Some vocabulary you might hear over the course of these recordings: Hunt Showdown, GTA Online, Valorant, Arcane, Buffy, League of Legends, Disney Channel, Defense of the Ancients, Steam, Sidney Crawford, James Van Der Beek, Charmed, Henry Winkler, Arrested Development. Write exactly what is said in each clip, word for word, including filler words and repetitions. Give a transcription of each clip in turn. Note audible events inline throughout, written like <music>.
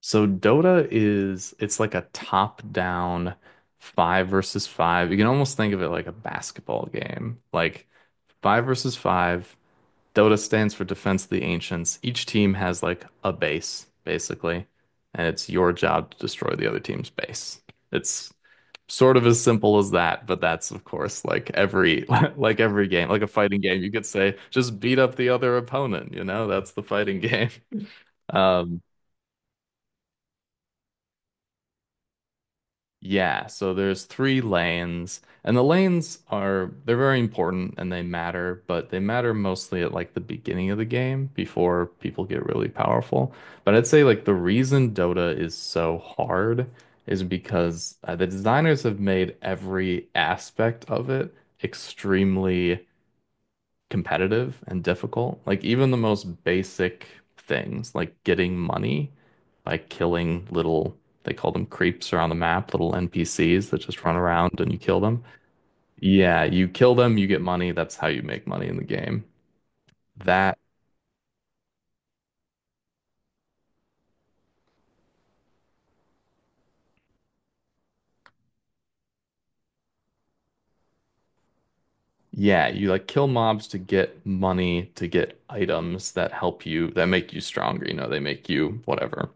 So Dota is it's like a top-down five versus five. You can almost think of it like a basketball game. Like five versus five. Dota stands for Defense of the Ancients. Each team has like a base, basically, and it's your job to destroy the other team's base. It's sort of as simple as that, but that's of course like every <laughs> like every game, like a fighting game, you could say just beat up the other opponent, you know? That's the fighting game. <laughs> Um Yeah, so there's three lanes, and the lanes are they're very important and they matter, but they matter mostly at like the beginning of the game before people get really powerful. But I'd say like the reason Dota is so hard is because uh, the designers have made every aspect of it extremely competitive and difficult. Like even the most basic things, like getting money by killing little, they call them creeps around the map, little N P Cs that just run around and you kill them. Yeah, you kill them, you get money. That's how you make money in the game. That, yeah, you like kill mobs to get money, to get items that help you, that make you stronger, you know, they make you whatever.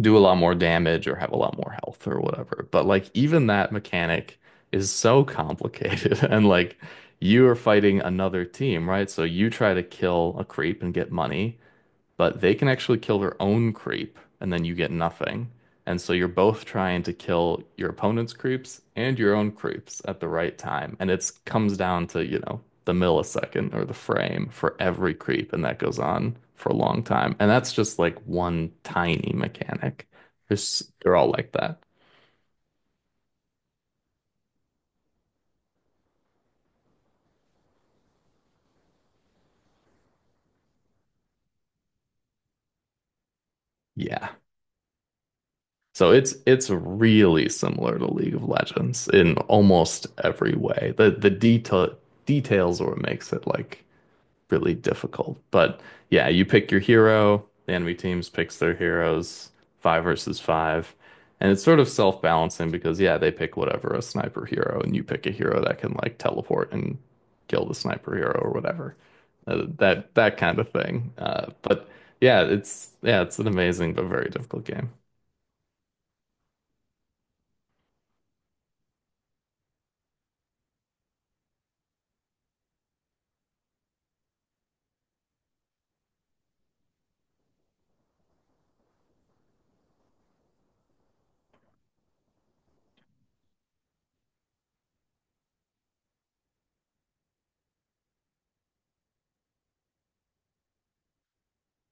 Do a lot more damage or have a lot more health or whatever. But like even that mechanic is so complicated <laughs> and like you are fighting another team, right? So you try to kill a creep and get money, but they can actually kill their own creep and then you get nothing. And so you're both trying to kill your opponent's creeps and your own creeps at the right time. And it's comes down to, you know, the millisecond or the frame for every creep, and that goes on for a long time. And that's just like one tiny mechanic. There's, they're all like that. Yeah. So it's it's really similar to League of Legends in almost every way. The the detail details are what makes it like really difficult. But yeah, you pick your hero, the enemy teams picks their heroes, five versus five. And it's sort of self-balancing because yeah, they pick whatever a sniper hero and you pick a hero that can like teleport and kill the sniper hero or whatever. Uh, that that kind of thing. Uh, but yeah, it's yeah, it's an amazing but very difficult game.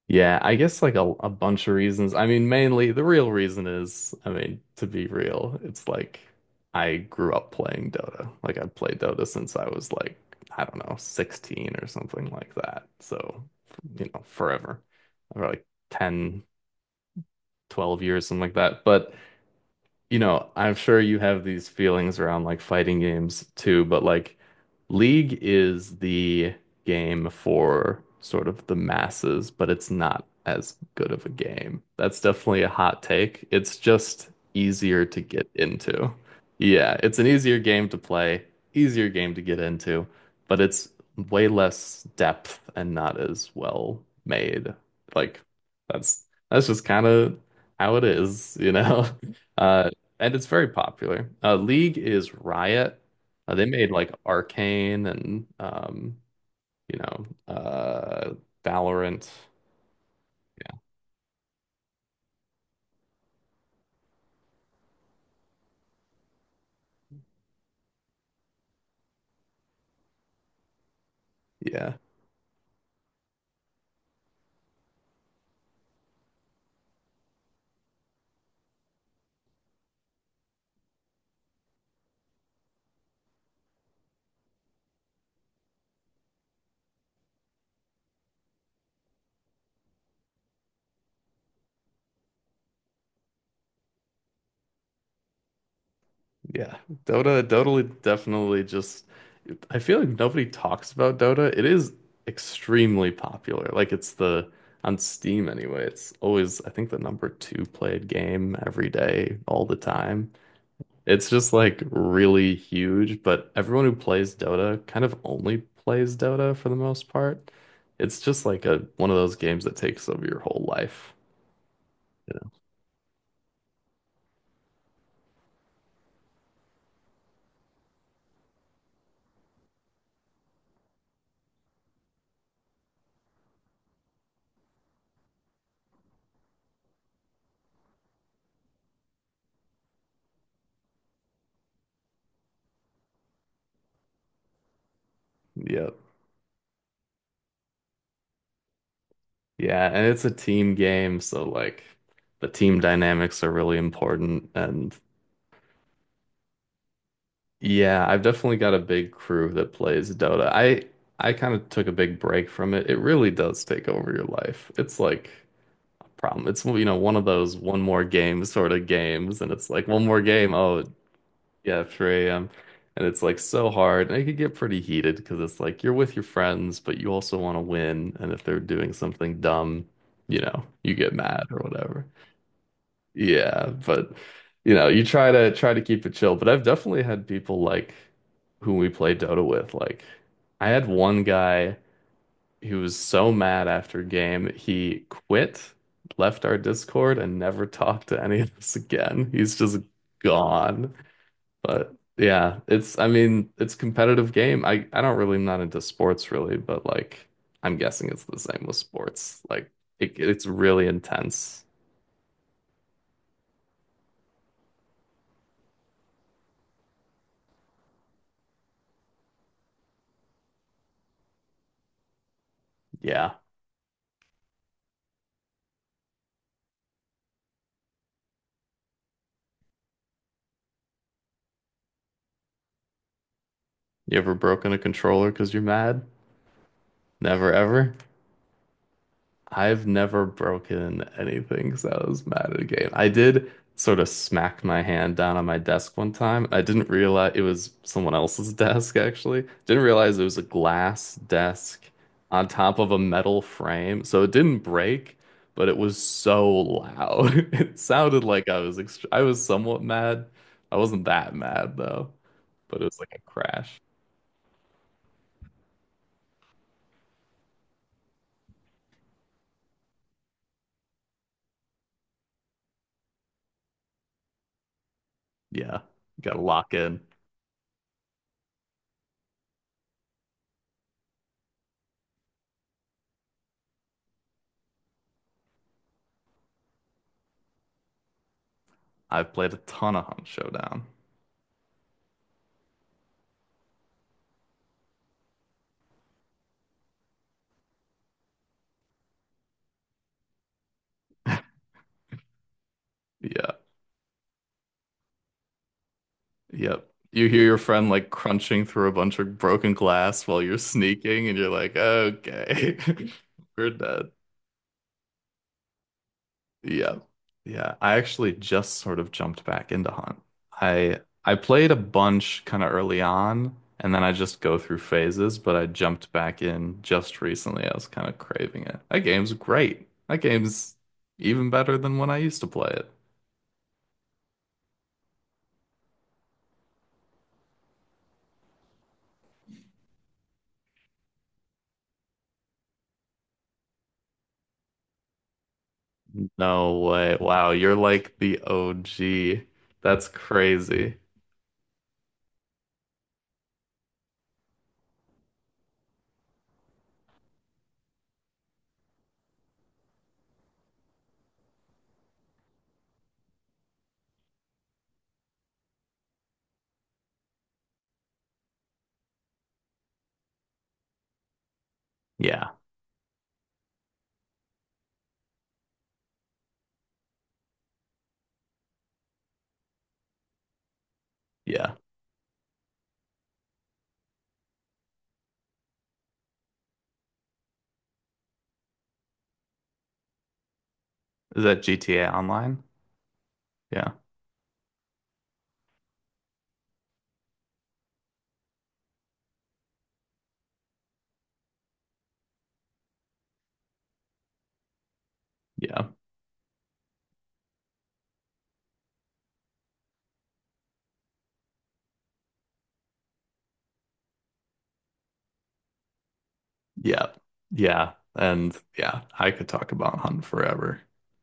Yeah, I guess like a, a bunch of reasons. I mean, mainly the real reason is, I mean, to be real, it's like I grew up playing Dota. Like I've played Dota since I was like, I don't know, sixteen or something like that. So, you know, forever. For like ten, twelve years, something like that. But you know, I'm sure you have these feelings around like fighting games too, but like League is the game for sort of the masses, but it's not as good of a game. That's definitely a hot take. It's just easier to get into. Yeah, it's an easier game to play, easier game to get into, but it's way less depth and not as well made. Like that's that's just kind of how it is, you know? <laughs> Uh, and it's very popular. Uh, League is Riot. Uh, they made like Arcane and um, you know, uh, Valorant. Yeah, yeah. Yeah. Dota, Dota definitely just I feel like nobody talks about Dota. It is extremely popular. Like it's the on Steam anyway, it's always I think the number two played game every day, all the time. It's just like really huge, but everyone who plays Dota kind of only plays Dota for the most part. It's just like a one of those games that takes over your whole life. Yeah. Yep. Yeah, and it's a team game, so like the team dynamics are really important. And yeah, I've definitely got a big crew that plays Dota. I I kind of took a big break from it. It really does take over your life. It's like a problem. It's you know one of those one more game sort of games, and it's like one more game. Oh, yeah, three a m. And it's like so hard. And it could get pretty heated because it's like you're with your friends, but you also want to win. And if they're doing something dumb, you know, you get mad or whatever. Yeah, but you know, you try to try to keep it chill. But I've definitely had people like who we play Dota with. Like I had one guy who was so mad after a game, he quit, left our Discord, and never <laughs> talked to any of us again. He's just gone. But yeah, it's I mean, it's a competitive game. I I don't really I'm not into sports really, but like I'm guessing it's the same with sports. Like it, it's really intense. Yeah. You ever broken a controller because you're mad? Never ever. I've never broken anything because I was mad at a game. I did sort of smack my hand down on my desk one time. I didn't realize it was someone else's <laughs> desk, actually. Didn't realize it was a glass desk on top of a metal frame. So it didn't break, but it was so loud. <laughs> It sounded like I was ext I was somewhat mad. I wasn't that mad though, but it was like a crash. Yeah, you gotta lock in. I've played a ton of Hunt Showdown. Yeah. Yep. You hear your friend like crunching through a bunch of broken glass while you're sneaking, and you're like, okay, <laughs> we're dead. Yeah. Yeah. I actually just sort of jumped back into Hunt. I I played a bunch kind of early on, and then I just go through phases, but I jumped back in just recently. I was kind of craving it. That game's great. That game's even better than when I used to play it. No way. Wow, you're like the O G. That's crazy. Yeah, yeah. Is that G T A Online? Yeah. Yeah. Yeah. Yeah. And yeah, I could talk about Hunt forever.